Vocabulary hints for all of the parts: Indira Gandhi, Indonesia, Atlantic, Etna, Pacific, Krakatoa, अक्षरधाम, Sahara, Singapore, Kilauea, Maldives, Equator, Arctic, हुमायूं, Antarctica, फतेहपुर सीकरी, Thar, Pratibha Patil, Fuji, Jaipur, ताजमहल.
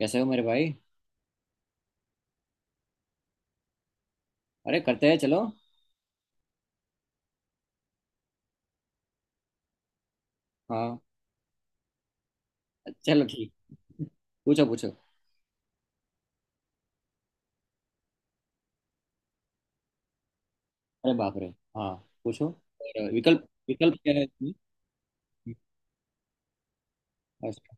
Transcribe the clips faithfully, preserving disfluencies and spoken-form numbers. कैसे हो मेरे भाई। अरे करते हैं, चलो। हाँ। चलो, ठीक। पूछो, पूछो। अरे बाप रे। हाँ, पूछो। और विकल्प विकल्प क्या है इसमें? अच्छा।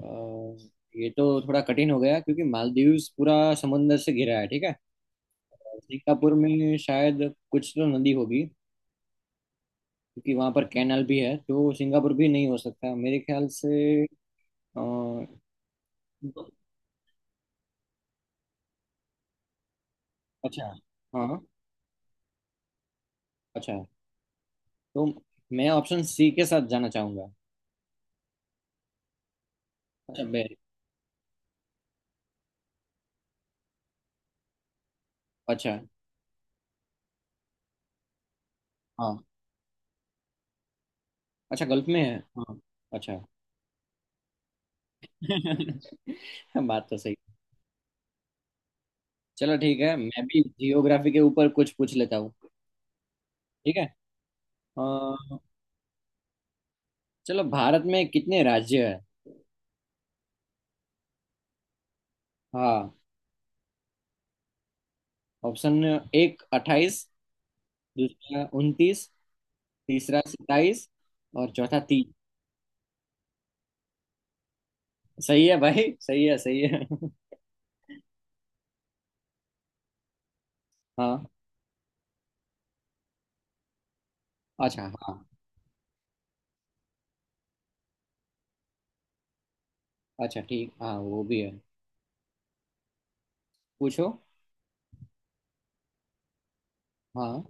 अ, ये तो थोड़ा कठिन हो गया क्योंकि मालदीव्स पूरा समुंदर से घिरा है, ठीक है। सिंगापुर में शायद कुछ तो नदी होगी। क्योंकि वहां पर कैनाल भी है तो सिंगापुर भी नहीं हो सकता, मेरे ख्याल से। अ, अच्छा, हाँ। अच्छा। तो मैं ऑप्शन सी के साथ जाना चाहूंगा। अच्छा बे। अच्छा, हाँ। अच्छा, गल्फ में है, हाँ। अच्छा। बात तो सही। चलो, ठीक है। मैं भी जियोग्राफी के ऊपर कुछ पूछ लेता हूँ, ठीक है। अ, चलो, भारत में कितने राज्य है? हाँ, ऑप्शन एक अट्ठाईस। दूसरा उनतीस। तीसरा सत्ताईस। और चौथा तीन। सही है भाई, सही है, सही है। हाँ। अच्छा, हाँ। अच्छा, ठीक, हाँ, वो भी है। पूछो। हाँ,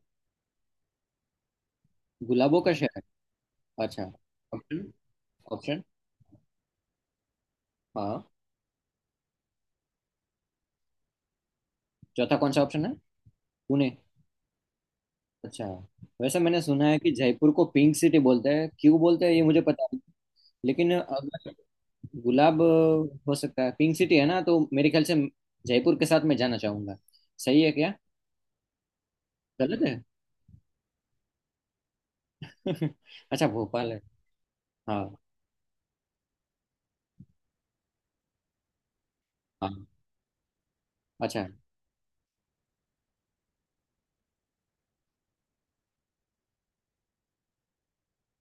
गुलाबों का शहर। अच्छा। ऑप्शन ऑप्शन हाँ। चौथा कौन सा ऑप्शन है? पुणे। अच्छा। वैसे मैंने सुना है कि जयपुर को पिंक सिटी बोलते हैं। क्यों बोलते हैं ये मुझे पता नहीं। लेकिन अगर गुलाब, अ, हो सकता है पिंक सिटी है ना, तो मेरे ख्याल से जयपुर के साथ मैं जाना चाहूंगा। सही है क्या? गलत है। अच्छा, भोपाल है। हाँ। हाँ अच्छा है।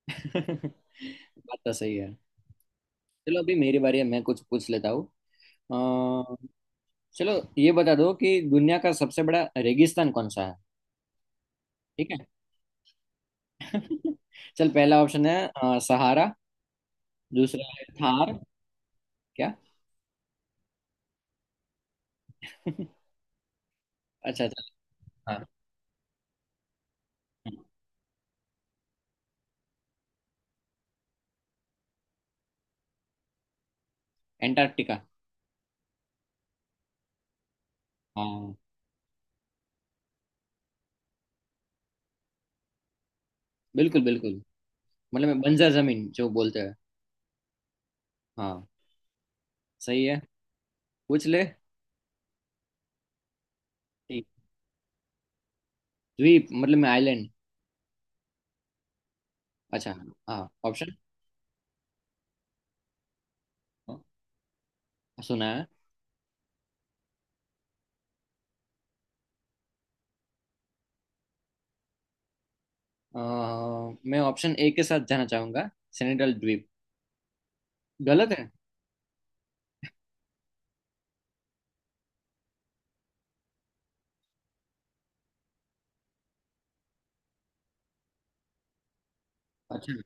बात तो सही है। चलो, अभी मेरी बारी है, मैं कुछ पूछ लेता हूँ। अ, चलो, ये बता दो कि दुनिया का सबसे बड़ा रेगिस्तान कौन सा है? ठीक है। चल, पहला ऑप्शन है अ, सहारा। दूसरा है थार। क्या? अच्छा, अच्छा। हाँ हाँ, एंटार्क्टिका। हाँ, बिल्कुल, बिल्कुल। मतलब मैं बंजर जमीन जो बोलते हैं। हाँ। सही है। पूछ ले। ठीक। द्वीप मतलब मैं आइलैंड। अच्छा। हाँ, ऑप्शन। हाँ, सुना है। अ, मैं ऑप्शन ए के साथ जाना चाहूंगा, सेनेटल द्वीप। गलत है। अच्छा।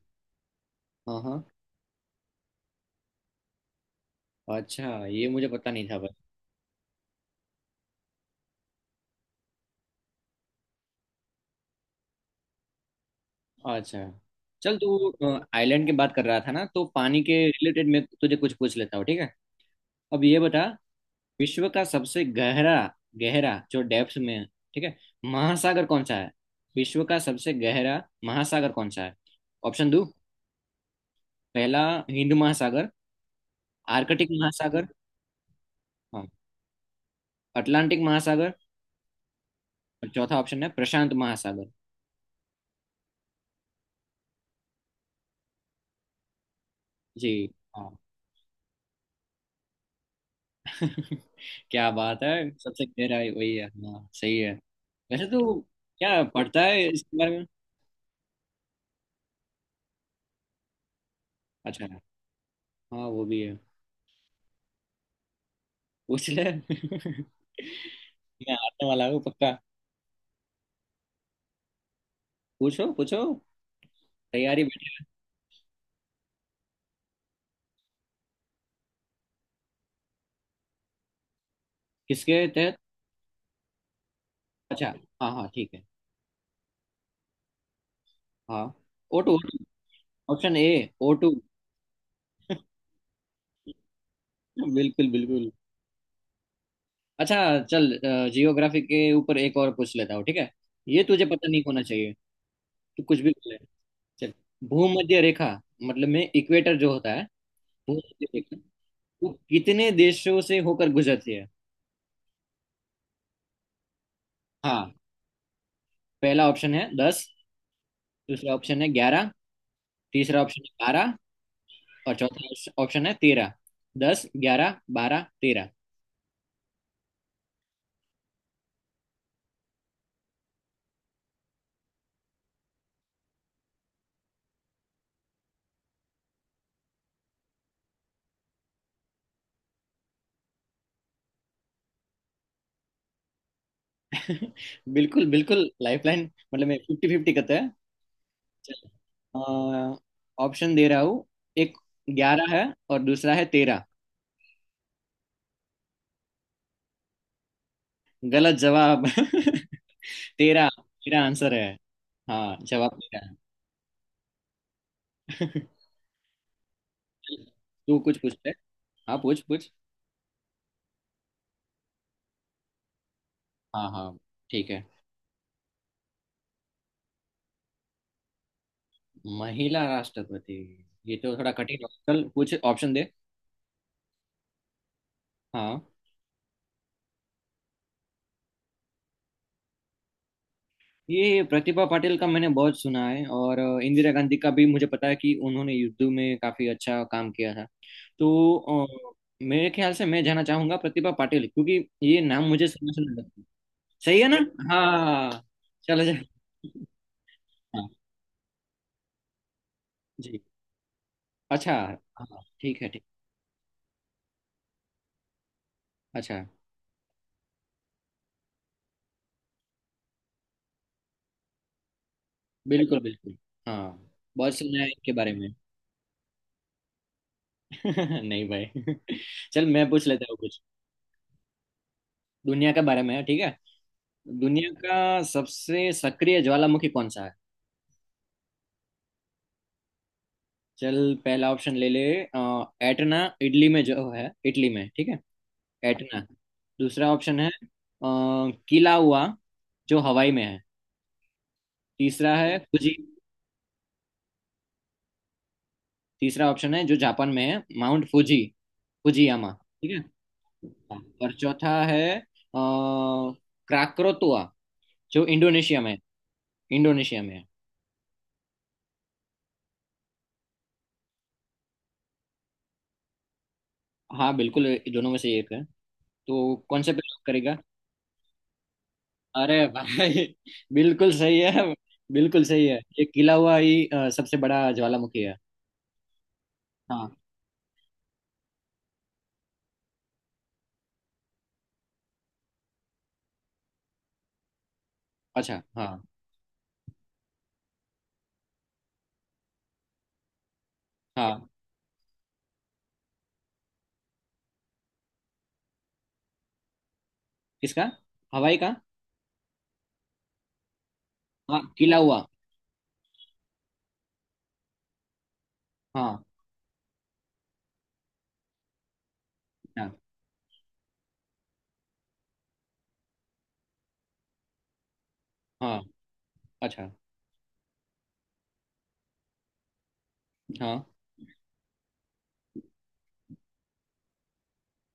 हाँ, हाँ। अच्छा, ये मुझे पता नहीं था भाई। अच्छा, चल तू। आइलैंड की बात कर रहा था ना, तो पानी के रिलेटेड मैं तुझे कुछ पूछ लेता हूँ, ठीक है। अब ये बता, विश्व का सबसे गहरा, गहरा जो डेप्थ में है, ठीक है, महासागर कौन सा है? विश्व का सबसे गहरा महासागर कौन सा है? ऑप्शन दो। पहला, हिंद महासागर। आर्कटिक महासागर। हाँ। अटलांटिक महासागर। और चौथा ऑप्शन है प्रशांत महासागर। जी। हाँ। क्या बात है, सबसे गहरा है, वही है, हाँ, सही है। वैसे तो क्या पढ़ता है इसके बारे में? अच्छा, हाँ, वो भी है। पूछ ले। मैं आने वाला हूँ पक्का। पूछो, पूछो। तैयारी। किसके तहत? अच्छा, हाँ, हाँ, ठीक है। हाँ, oh two. Option A, oh two. बिल्कुल, बिल्कुल। अच्छा। चल, जियोग्राफी के ऊपर एक और पूछ लेता हूँ, ठीक है। ये तुझे पता नहीं होना चाहिए। तू कुछ भी बोले। चल, भूमध्य रेखा, मतलब में इक्वेटर जो होता है। भूमध्य रेखा वो कितने देशों से होकर गुजरती है? हाँ। पहला ऑप्शन है दस। दूसरा ऑप्शन है ग्यारह। तीसरा ऑप्शन है बारह। और चौथा ऑप्शन है तेरह। दस, ग्यारह, बारह, तेरह। बिल्कुल, बिल्कुल। लाइफलाइन मतलब मैं फिफ्टी फिफ्टी करता है। चल, ऑप्शन दे रहा हूँ। एक, ग्यारह है। और दूसरा है तेरह। गलत जवाब। तेरह। तेरा आंसर है। हाँ, जवाब तेरह है। तू कुछ पूछते। हाँ, पूछ, पूछ। हाँ, हाँ, ठीक है। महिला राष्ट्रपति। ये तो थोड़ा कठिन है। चल, कुछ ऑप्शन दे। हाँ। ये प्रतिभा पाटिल का मैंने बहुत सुना है, और इंदिरा गांधी का भी मुझे पता है कि उन्होंने युद्ध में काफी अच्छा काम किया था। तो अ, मेरे ख्याल से मैं जाना चाहूंगा प्रतिभा पाटिल, क्योंकि ये नाम मुझे समझ नहीं लगता। सही है ना? हाँ। चलो जा। हाँ, जी। अच्छा है। हाँ, ठीक है, ठीक। अच्छा। बिल्कुल, बिल्कुल। हाँ। बहुत सुना है इनके बारे में। नहीं भाई। चल, मैं पूछ लेता हूँ कुछ। दुनिया के बारे में, ठीक है। दुनिया का सबसे सक्रिय ज्वालामुखी कौन सा है? चल, पहला ऑप्शन ले ले, अ, एटना, इटली में जो है, इटली में, ठीक है। एटना। दूसरा ऑप्शन है अ, किला हुआ, जो हवाई में है। तीसरा है फुजी। तीसरा ऑप्शन है जो जापान में है, माउंट फुजी, फुजियामा। ठीक है। हाँ। और चौथा है अ, क्राक्रोतुआ, जो इंडोनेशिया में है। इंडोनेशिया में है। हाँ बिल्कुल, ये दोनों में से एक है। तो कौन से पे lock करेगा? अरे भाई! बिल्कुल सही है। बिल्कुल सही है, ये किला हुआ ही अ, सबसे बड़ा ज्वालामुखी है। हाँ। अच्छा, हाँ। हाँ, किसका? हवाई का। हाँ, किला हुआ। हाँ, हाँ, हाँ। अच्छा। हाँ।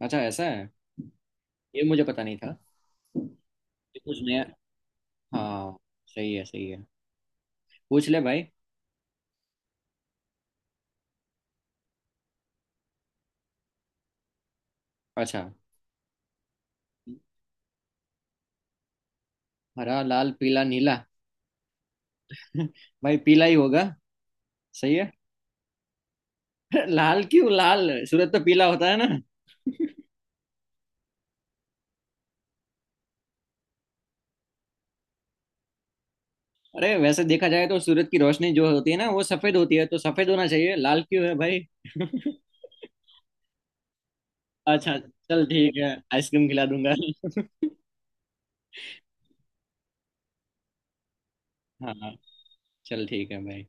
अच्छा, ऐसा है। ये मुझे पता नहीं था। ये कुछ नया। हाँ। सही है, सही है। पूछ ले भाई। अच्छा। हरा, लाल, पीला, नीला। भाई, पीला ही होगा। सही है। लाल? क्यों? लाल, सूरज तो पीला होता है ना। अरे वैसे देखा जाए तो सूरज की रोशनी जो होती है ना, वो सफेद होती है, तो सफेद होना चाहिए। लाल क्यों है भाई? अच्छा। चल, ठीक है, आइसक्रीम खिला दूंगा। हाँ, चल, ठीक है भाई।